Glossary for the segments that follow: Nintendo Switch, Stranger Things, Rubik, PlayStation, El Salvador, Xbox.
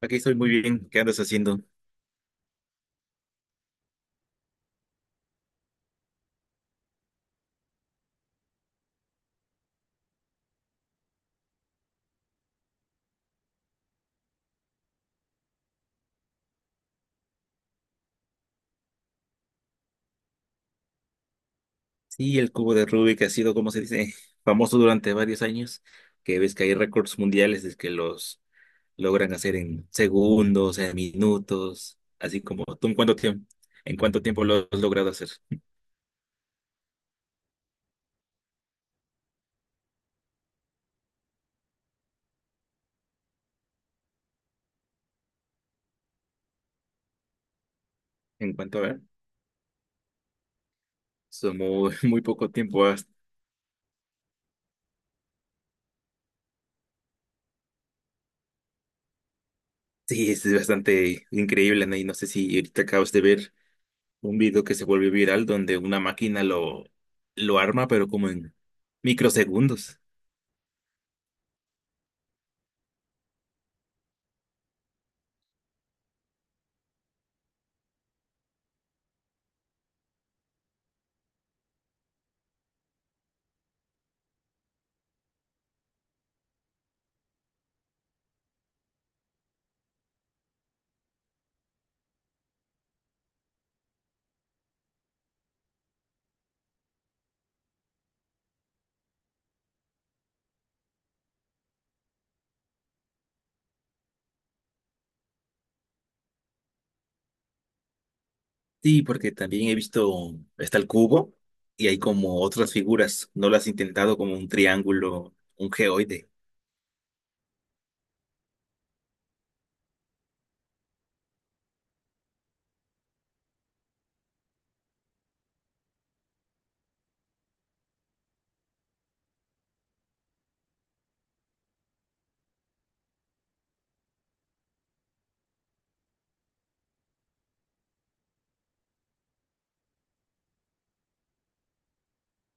Aquí estoy muy bien. ¿Qué andas haciendo? Sí, el cubo de Rubik ha sido, como se dice, famoso durante varios años, que ves que hay récords mundiales de que los logran hacer en segundos, en minutos, así como tú en cuánto tiempo lo has logrado hacer. En cuanto a ver, son muy, muy poco tiempo. Sí, es bastante increíble, ¿no? Y no sé si ahorita acabas de ver un video que se volvió viral donde una máquina lo arma, pero como en microsegundos. Sí, porque también he visto, está el cubo y hay como otras figuras. ¿No lo has intentado como un triángulo, un geoide?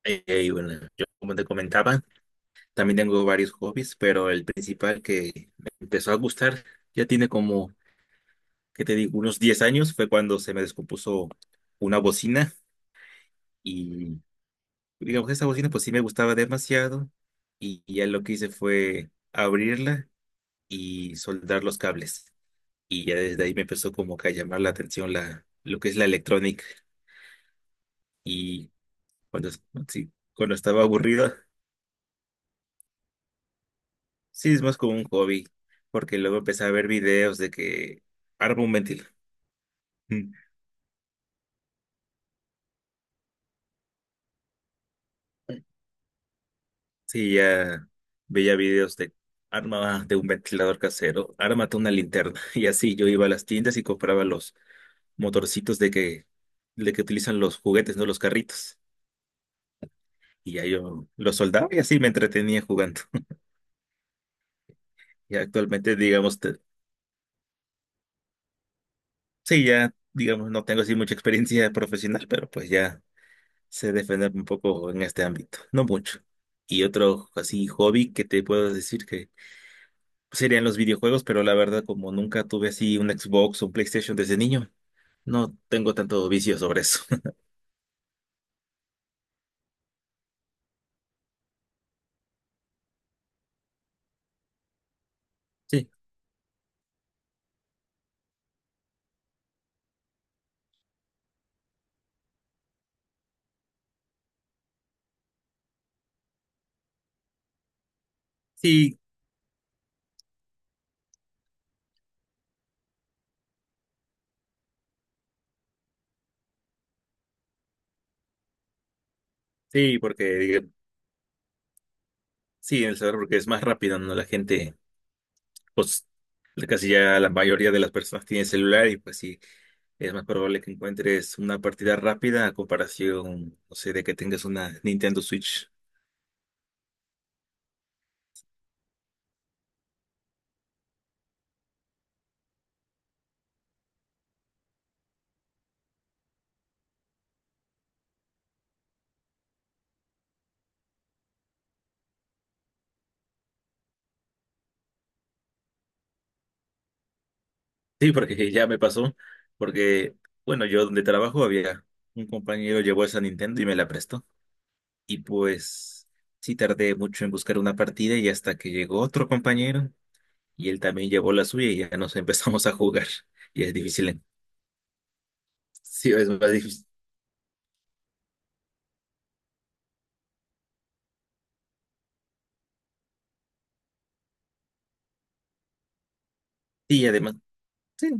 Y bueno, yo como te comentaba, también tengo varios hobbies, pero el principal que me empezó a gustar ya tiene como, ¿qué te digo? Unos 10 años fue cuando se me descompuso una bocina y digamos, que esa bocina pues sí me gustaba demasiado y ya lo que hice fue abrirla y soldar los cables. Y ya desde ahí me empezó como que a llamar la atención lo que es la electrónica. Y cuando, sí, cuando estaba aburrido, sí, es más como un hobby, porque luego empecé a ver videos de que arma un ventilador. Mm. Sí, ya veía videos de arma de un ventilador casero, ármate una linterna. Y así yo iba a las tiendas y compraba los motorcitos de que utilizan los juguetes, no los carritos. Y ya yo los soldaba y así me entretenía jugando. Y actualmente, digamos, sí, ya, digamos, no tengo así mucha experiencia profesional, pero pues ya sé defenderme un poco en este ámbito, no mucho. Y otro así hobby que te puedo decir que serían los videojuegos, pero la verdad como nunca tuve así un Xbox o un PlayStation desde niño, no tengo tanto vicio sobre eso. Sí, sí, sí, sí, en El Salvador porque es más rápido, ¿no? La gente pues casi ya la mayoría de las personas tienen celular y pues sí, es más probable que encuentres una partida rápida a comparación, no sé, de que tengas una Nintendo Switch. Sí, porque ya me pasó, porque, bueno, yo donde trabajo había un compañero llevó esa Nintendo y me la prestó. Y pues sí tardé mucho en buscar una partida y hasta que llegó otro compañero y él también llevó la suya y ya nos empezamos a jugar. Y es difícil, ¿eh? Sí, es más difícil. Y además... sí.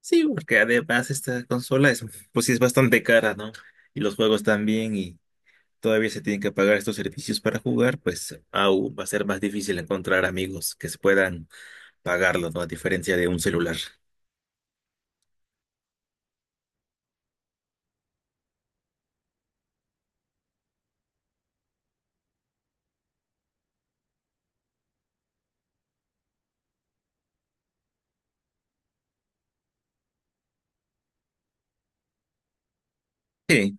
Sí, porque además esta consola es, pues sí es bastante cara, ¿no? Y los juegos también, y todavía se tienen que pagar estos servicios para jugar, pues aún va a ser más difícil encontrar amigos que se puedan pagarlo, ¿no? A diferencia de un celular. Sí,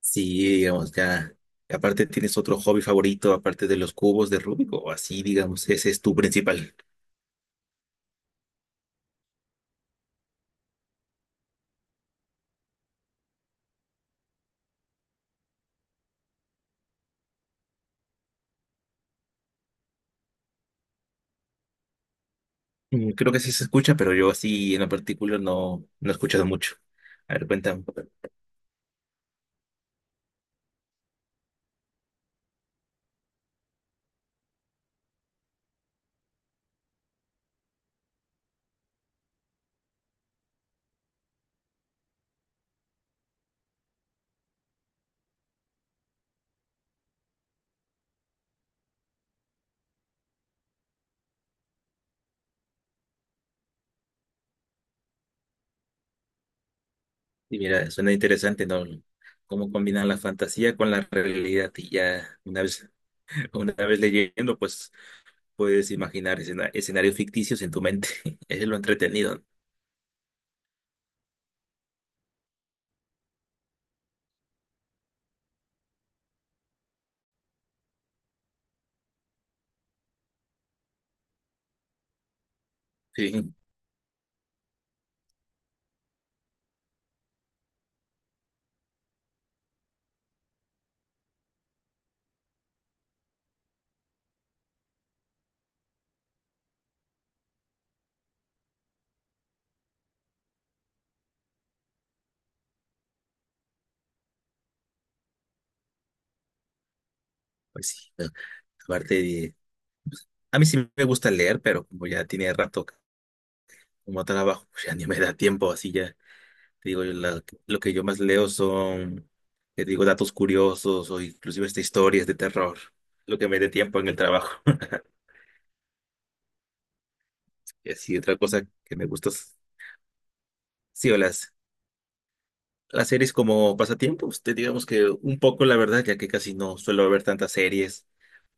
sí, digamos, ya. Aparte, ¿tienes otro hobby favorito aparte de los cubos de Rubik o así, digamos, ese es tu principal? Mm, creo que sí se escucha, pero yo así en lo particular no, no he escuchado mucho. A ver, cuéntame. Y mira, suena interesante, ¿no? Cómo combinan la fantasía con la realidad y ya una vez, una vez leyendo, pues puedes imaginar escenarios ficticios en tu mente. Eso es lo entretenido, ¿no? Sí, pues sí, ¿no? Aparte de- a mí sí me gusta leer, pero como ya tiene rato como trabajo, pues ya ni me da tiempo, así ya, te digo, yo lo que yo más leo son, te digo, datos curiosos o inclusive hasta historias de terror, lo que me dé tiempo en el trabajo. Y así, otra cosa que me gusta. Sí, o las series como pasatiempos, te digamos que un poco la verdad, ya que casi no suelo ver tantas series.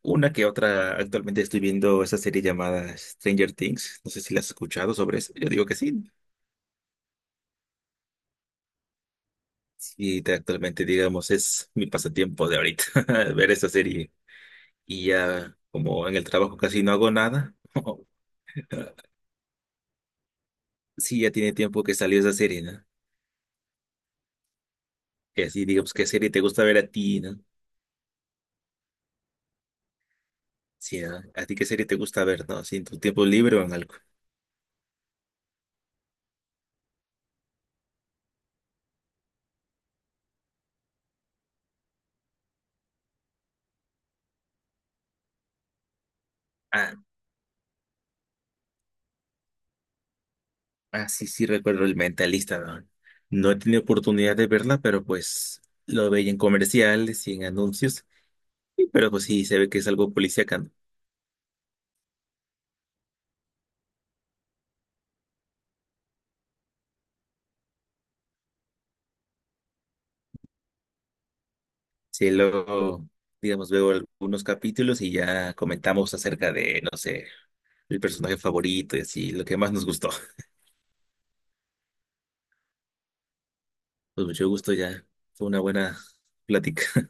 Una que otra, actualmente estoy viendo esa serie llamada Stranger Things. No sé si la has escuchado sobre eso. Yo digo que sí. Sí, actualmente, digamos, es mi pasatiempo de ahorita, ver esa serie. Y ya, como en el trabajo casi no hago nada, sí, ya tiene tiempo que salió esa serie, ¿no? Y así, digamos, ¿qué serie te gusta ver a ti, ¿no? Sí, ¿no? ¿A ti qué serie te gusta ver, ¿no? Así en tu tiempo libre o en algo. Ah, ah, sí, sí, recuerdo el mentalista, ¿no? No he tenido oportunidad de verla, pero pues lo veía en comerciales y en anuncios, pero pues sí, se ve que es algo policíaco, ¿no? Sí, luego, digamos, veo algunos capítulos y ya comentamos acerca de, no sé, el personaje favorito y así, lo que más nos gustó. Pues mucho gusto ya, fue una buena plática.